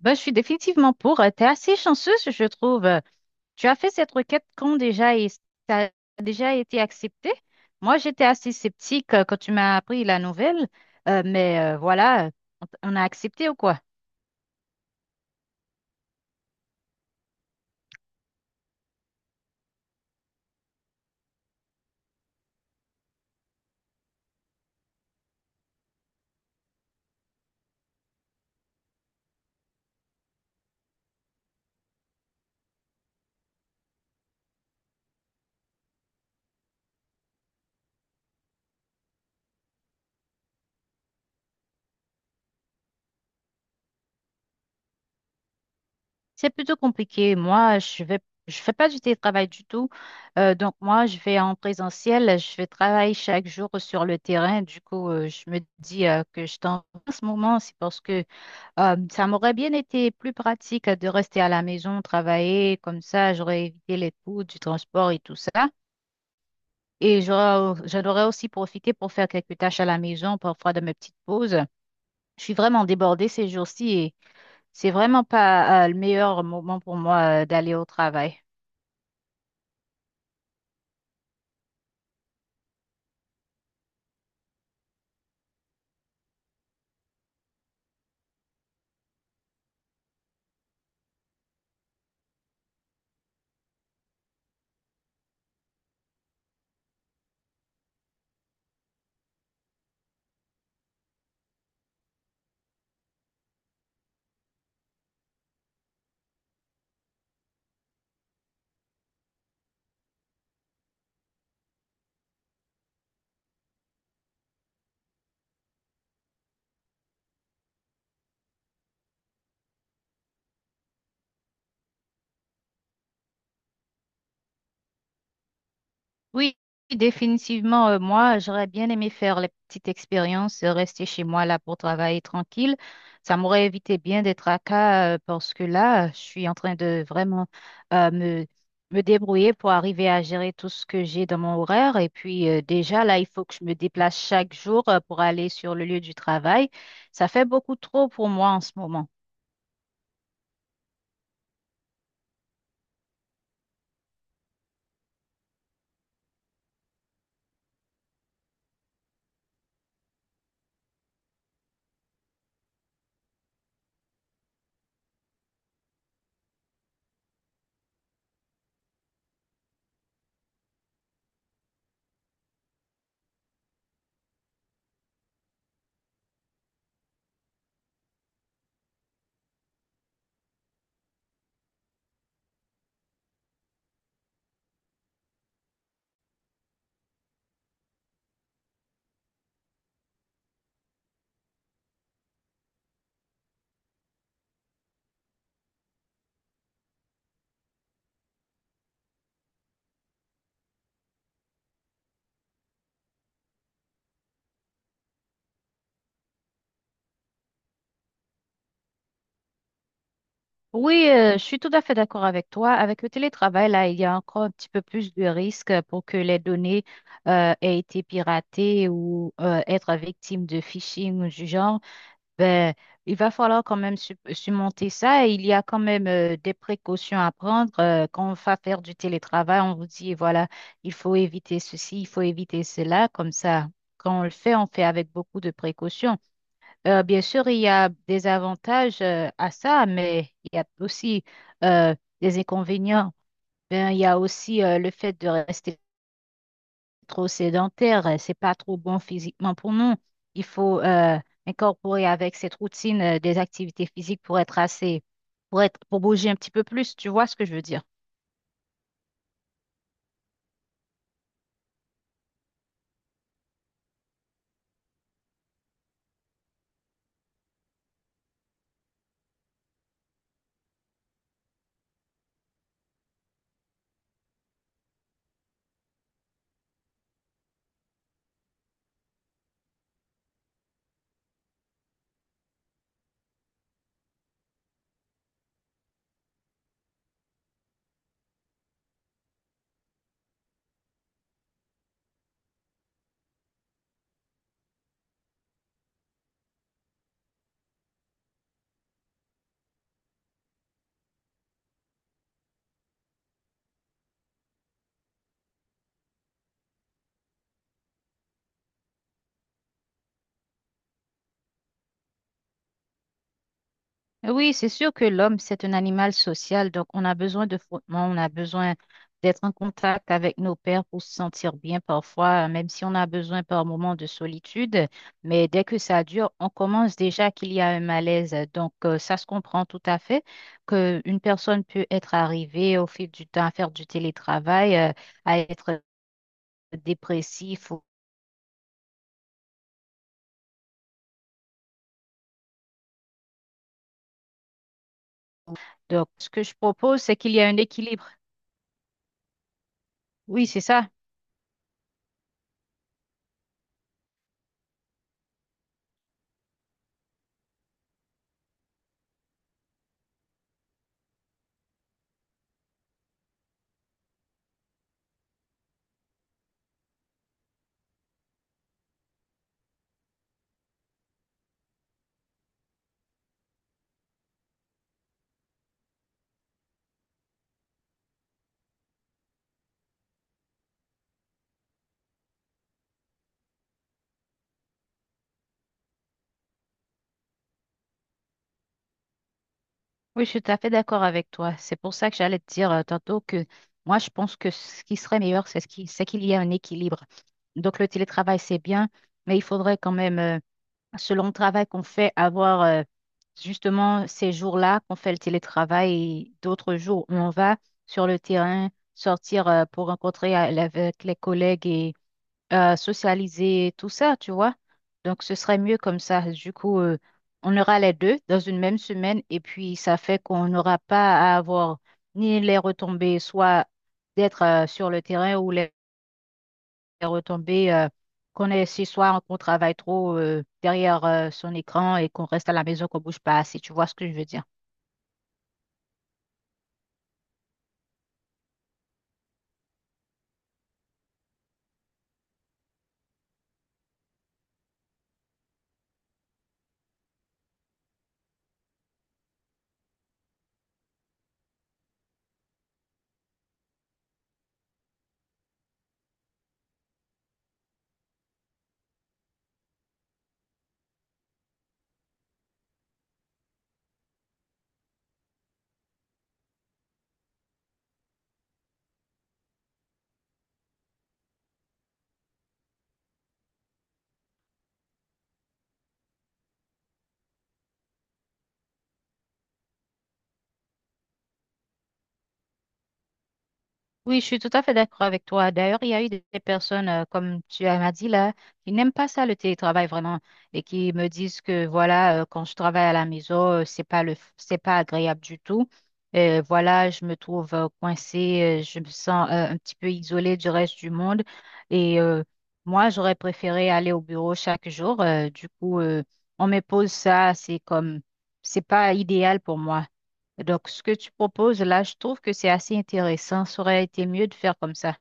Ben, je suis définitivement pour. Tu es assez chanceuse, je trouve. Tu as fait cette requête quand déjà et ça a déjà été accepté. Moi, j'étais assez sceptique quand tu m'as appris la nouvelle, voilà, on a accepté ou quoi? C'est plutôt compliqué. Je fais pas du télétravail du tout. Donc moi, je vais en présentiel. Je vais travailler chaque jour sur le terrain. Du coup, je me dis que je t'en en ce moment, c'est parce que ça m'aurait bien été plus pratique de rester à la maison, travailler, comme ça j'aurais évité les coûts du transport et tout ça. Et j'en aurais aussi profité pour faire quelques tâches à la maison, parfois de mes petites pauses. Je suis vraiment débordée ces jours-ci et c'est vraiment pas, le meilleur moment pour moi, d'aller au travail. Oui, définitivement, moi, j'aurais bien aimé faire les petites expériences, rester chez moi là pour travailler tranquille. Ça m'aurait évité bien des tracas parce que là, je suis en train de vraiment euh, me, me débrouiller pour arriver à gérer tout ce que j'ai dans mon horaire. Et puis déjà, là, il faut que je me déplace chaque jour pour aller sur le lieu du travail. Ça fait beaucoup trop pour moi en ce moment. Oui, je suis tout à fait d'accord avec toi. Avec le télétravail, là, il y a encore un petit peu plus de risques pour que les données aient été piratées ou être victimes de phishing ou du genre. Ben, il va falloir quand même surmonter ça. Et il y a quand même des précautions à prendre. Quand on va faire du télétravail, on vous dit, voilà, il faut éviter ceci, il faut éviter cela. Comme ça, quand on le fait, on fait avec beaucoup de précautions. Bien sûr, il y a des avantages à ça, mais il y a aussi des inconvénients. Ben, il y a aussi le fait de rester trop sédentaire. C'est pas trop bon physiquement pour nous. Il faut incorporer avec cette routine des activités physiques pour être pour être, pour bouger un petit peu plus. Tu vois ce que je veux dire? Oui, c'est sûr que l'homme, c'est un animal social, donc on a besoin de frottement, on a besoin d'être en contact avec nos pairs pour se sentir bien parfois, même si on a besoin par moments de solitude. Mais dès que ça dure, on commence déjà qu'il y a un malaise. Donc ça se comprend tout à fait qu'une personne peut être arrivée au fil du temps à faire du télétravail, à être dépressif. Donc ce que je propose, c'est qu'il y a un équilibre. Oui, c'est ça. Oui, je suis tout à fait d'accord avec toi. C'est pour ça que j'allais te dire tantôt que moi, je pense que ce qui serait meilleur, c'est c'est qu'il y ait un équilibre. Donc, le télétravail, c'est bien, mais il faudrait quand même, selon le travail qu'on fait, avoir justement ces jours-là qu'on fait le télétravail et d'autres jours où on va sur le terrain, sortir pour rencontrer avec les collègues socialiser, tout ça, tu vois. Donc, ce serait mieux comme ça. Du coup, on aura les deux dans une même semaine et puis ça fait qu'on n'aura pas à avoir ni les retombées, soit d'être sur le terrain ou les retombées qu'on est si soit qu'on travaille trop derrière son écran et qu'on reste à la maison, qu'on bouge pas assez. Tu vois ce que je veux dire? Oui, je suis tout à fait d'accord avec toi. D'ailleurs, il y a eu des personnes, comme m'as dit là, qui n'aiment pas ça, le télétravail vraiment, et qui me disent que voilà, quand je travaille à la maison, c'est pas c'est pas agréable du tout. Voilà, je me trouve coincée, je me sens un petit peu isolée du reste du monde. Et euh, Moi, j'aurais préféré aller au bureau chaque jour. Du coup, on me pose ça, c'est pas idéal pour moi. Donc, ce que tu proposes là, je trouve que c'est assez intéressant. Ça aurait été mieux de faire comme ça.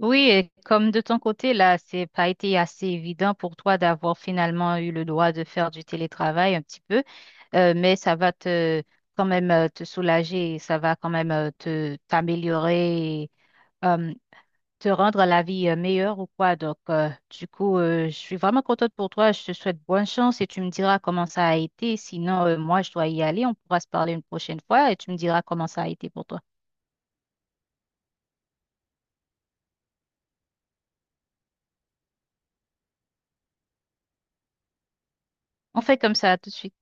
Oui, et comme de ton côté, là, c'est pas été assez évident pour toi d'avoir finalement eu le droit de faire du télétravail un petit peu, mais ça va te quand même te soulager, et ça va quand même te t'améliorer, et, euh, te rendre la vie meilleure ou quoi. Donc, je suis vraiment contente pour toi. Je te souhaite bonne chance et tu me diras comment ça a été. Sinon, moi, je dois y aller. On pourra se parler une prochaine fois et tu me diras comment ça a été pour toi. On fait comme ça tout de suite.